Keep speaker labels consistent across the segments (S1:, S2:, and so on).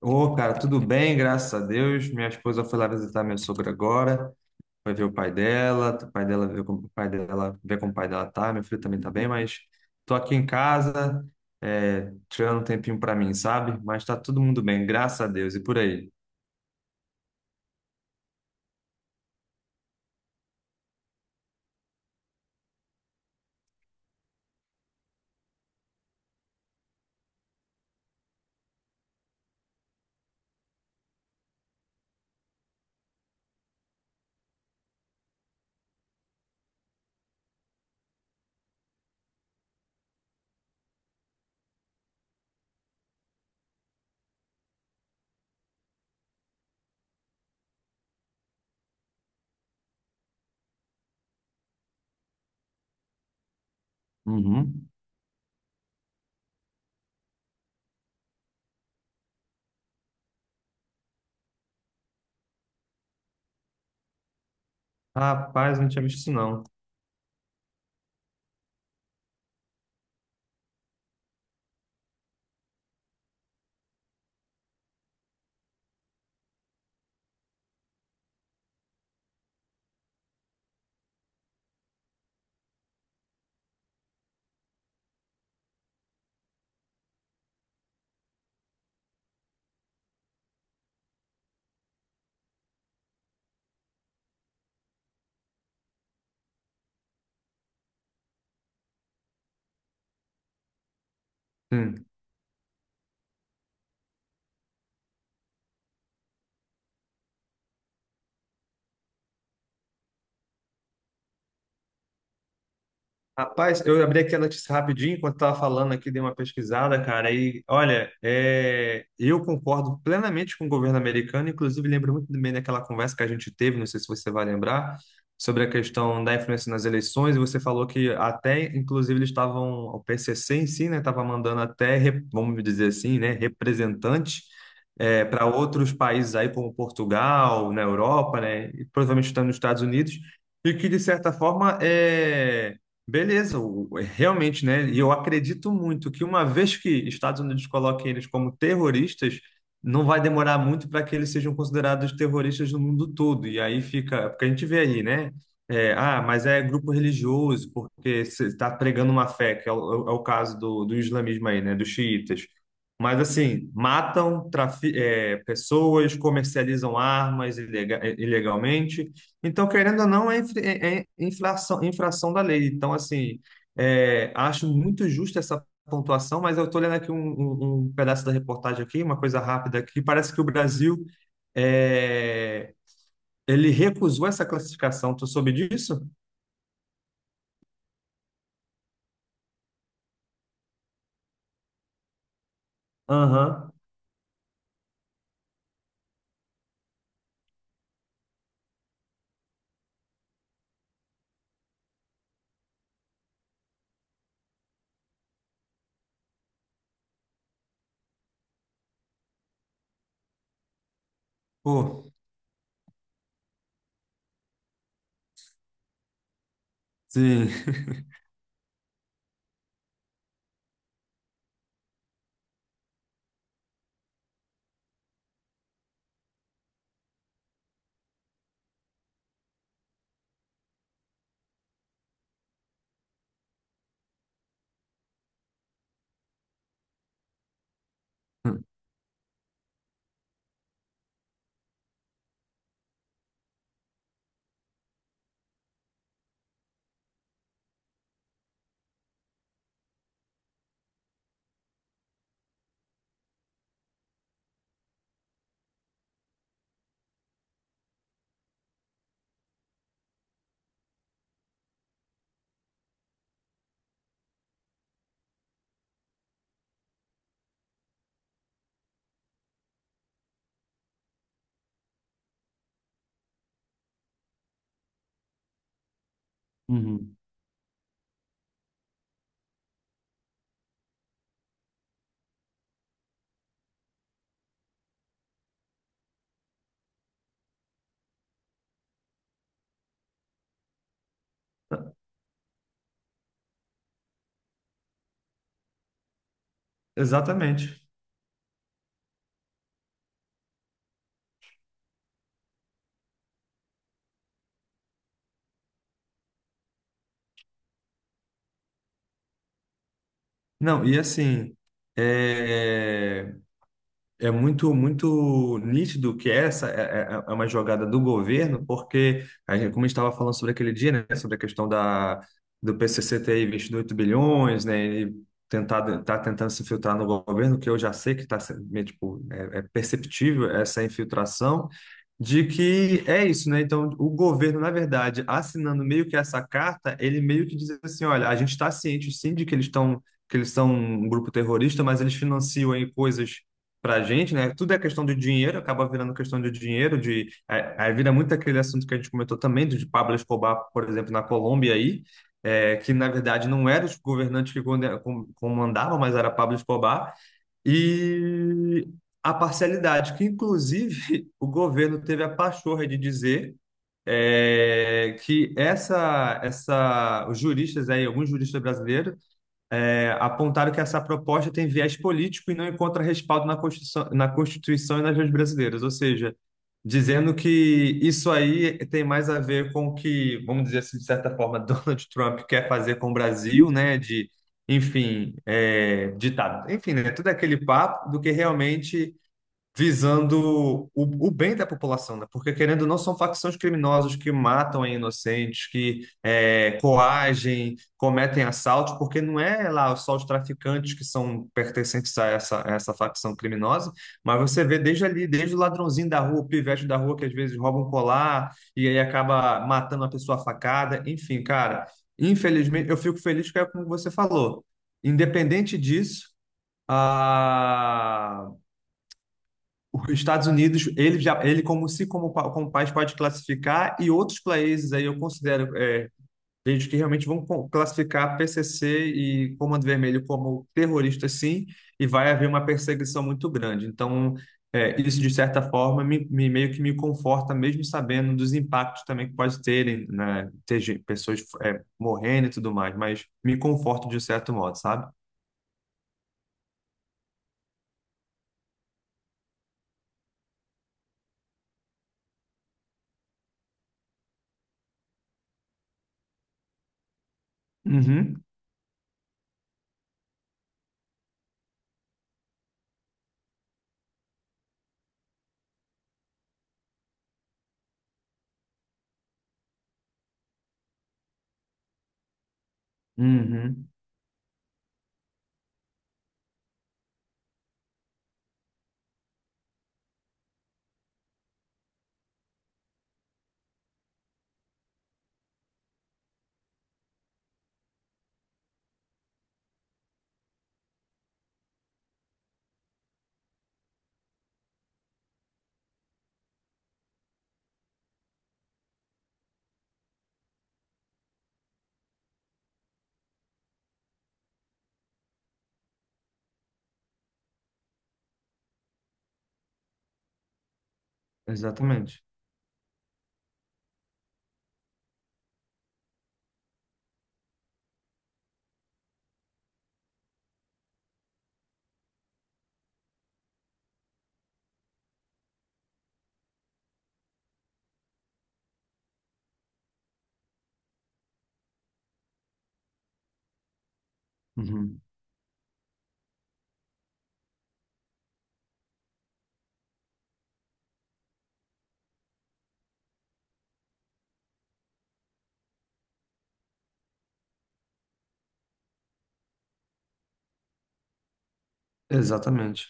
S1: Ô, cara, tudo bem, graças a Deus. Minha esposa foi lá visitar minha sogra agora, vai ver o pai dela, vê como o pai dela tá, meu filho também tá bem, mas tô aqui em casa, tirando um tempinho pra mim, sabe? Mas tá todo mundo bem, graças a Deus. E por aí? Uhum. Rapaz, não tinha visto isso não. Hum. Rapaz, eu abri aqui a notícia rapidinho enquanto estava falando aqui, dei uma pesquisada, cara, e olha, eu concordo plenamente com o governo americano, inclusive lembro muito bem daquela conversa que a gente teve, não sei se você vai lembrar, sobre a questão da influência nas eleições, e você falou que até, inclusive, eles estavam, o PCC em si, né, estava mandando até, vamos dizer assim, né, representante para outros países aí, como Portugal, na Europa, né, e provavelmente também nos Estados Unidos, e que, de certa forma, beleza, realmente, né? E eu acredito muito que uma vez que Estados Unidos coloquem eles como terroristas, não vai demorar muito para que eles sejam considerados terroristas no mundo todo. E aí fica, é porque a gente vê aí, né? É, ah, mas é grupo religioso, porque você está pregando uma fé, que é o caso do islamismo aí, né? Dos xiitas. Mas assim, matam pessoas, comercializam armas ilegalmente. Então, querendo ou não, inflação, infração da lei. Então, assim, acho muito justa essa pontuação, mas eu estou lendo aqui um pedaço da reportagem aqui, uma coisa rápida aqui. Parece que o Brasil é, ele recusou essa classificação. Tu soube disso? Aham. Pô, sim. Uhum. Exatamente. Não, e assim, é, é muito, muito nítido que essa é uma jogada do governo, porque, como a gente estava falando sobre aquele dia, né, sobre a questão do PCC ter investido 8 bilhões, né, e tentado, tá tentando se infiltrar no governo, que eu já sei que está, tipo, é perceptível essa infiltração, de que é isso, né? Então, o governo, na verdade, assinando meio que essa carta, ele meio que diz assim, olha, a gente está ciente, sim, de que eles estão, que eles são um grupo terrorista, mas eles financiam aí coisas pra gente, né? Tudo é questão de dinheiro, acaba virando questão de dinheiro, de a vira muito aquele assunto que a gente comentou também, do de Pablo Escobar, por exemplo, na Colômbia aí, que na verdade não eram os governantes que comandavam, mas era Pablo Escobar, e a parcialidade, que inclusive o governo teve a pachorra de dizer que essa, os juristas aí, alguns juristas brasileiros apontaram que essa proposta tem viés político e não encontra respaldo na Constituição, e nas leis brasileiras, ou seja, dizendo que isso aí tem mais a ver com o que, vamos dizer assim, de certa forma, Donald Trump quer fazer com o Brasil, né, de, enfim, ditado, enfim, né, tudo é aquele papo do que realmente visando o bem da população, né? Porque querendo ou não, são facções criminosas que matam aí inocentes, que coagem, cometem assaltos, porque não é lá só os traficantes que são pertencentes a essa facção criminosa, mas você vê desde ali, desde o ladrãozinho da rua, o pivete da rua que às vezes rouba um colar e aí acaba matando uma pessoa a facada, enfim, cara. Infelizmente, eu fico feliz que é como você falou. Independente disso, a os Estados Unidos, ele já, ele como se como, pa- como país pode classificar e outros países aí eu considero gente que realmente vão classificar PCC e Comando Vermelho como terrorista, sim, e vai haver uma perseguição muito grande. Então, isso de certa forma me, meio que me conforta, mesmo sabendo dos impactos também que pode terem, né, pessoas morrendo e tudo mais, mas me conforta de um certo modo, sabe? Uhum, uhum, exatamente. Uhum, exatamente.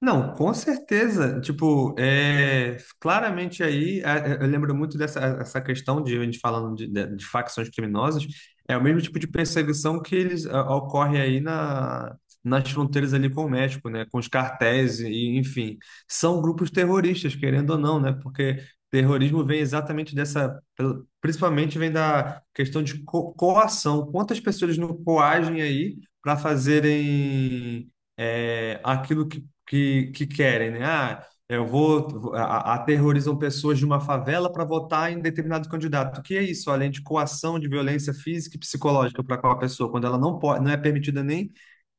S1: Não, com certeza. Tipo, claramente aí, eu lembro muito dessa essa questão de a gente falando de facções criminosas, é o mesmo tipo de perseguição que ocorre aí nas fronteiras ali com o México, né? Com os cartéis e, enfim, são grupos terroristas, querendo ou não, né? Porque terrorismo vem exatamente dessa, principalmente vem da questão de co coação. Quantas pessoas não coagem aí para fazerem aquilo que querem, né? Ah, eu vou aterrorizam pessoas de uma favela para votar em determinado candidato. O que é isso? Além de coação de violência física e psicológica para aquela pessoa, quando ela não pode, não é permitida nem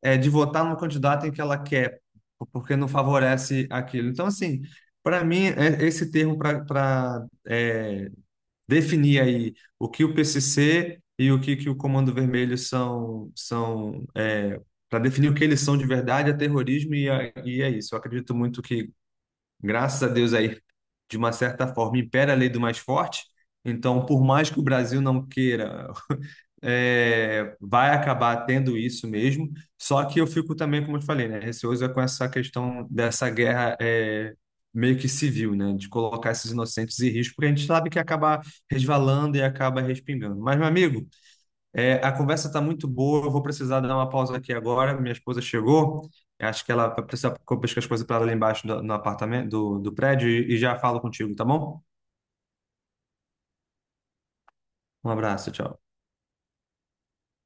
S1: de votar no candidato em que ela quer, porque não favorece aquilo. Então, assim, para mim, esse termo para definir aí o que o PCC e o que o Comando Vermelho são, para definir o que eles são de verdade, é terrorismo e é isso. Eu acredito muito que graças a Deus aí, de uma certa forma, impera a lei do mais forte. Então, por mais que o Brasil não queira, vai acabar tendo isso mesmo. Só que eu fico também, como eu te falei, né, receoso com essa questão dessa guerra meio que civil, né, de colocar esses inocentes em risco, porque a gente sabe que acaba resvalando e acaba respingando. Mas, meu amigo, a conversa está muito boa. Eu vou precisar dar uma pausa aqui agora. Minha esposa chegou. Acho que ela vai precisar pescar as coisas para ela lá embaixo no apartamento, do prédio e já falo contigo, tá bom? Um abraço, tchau.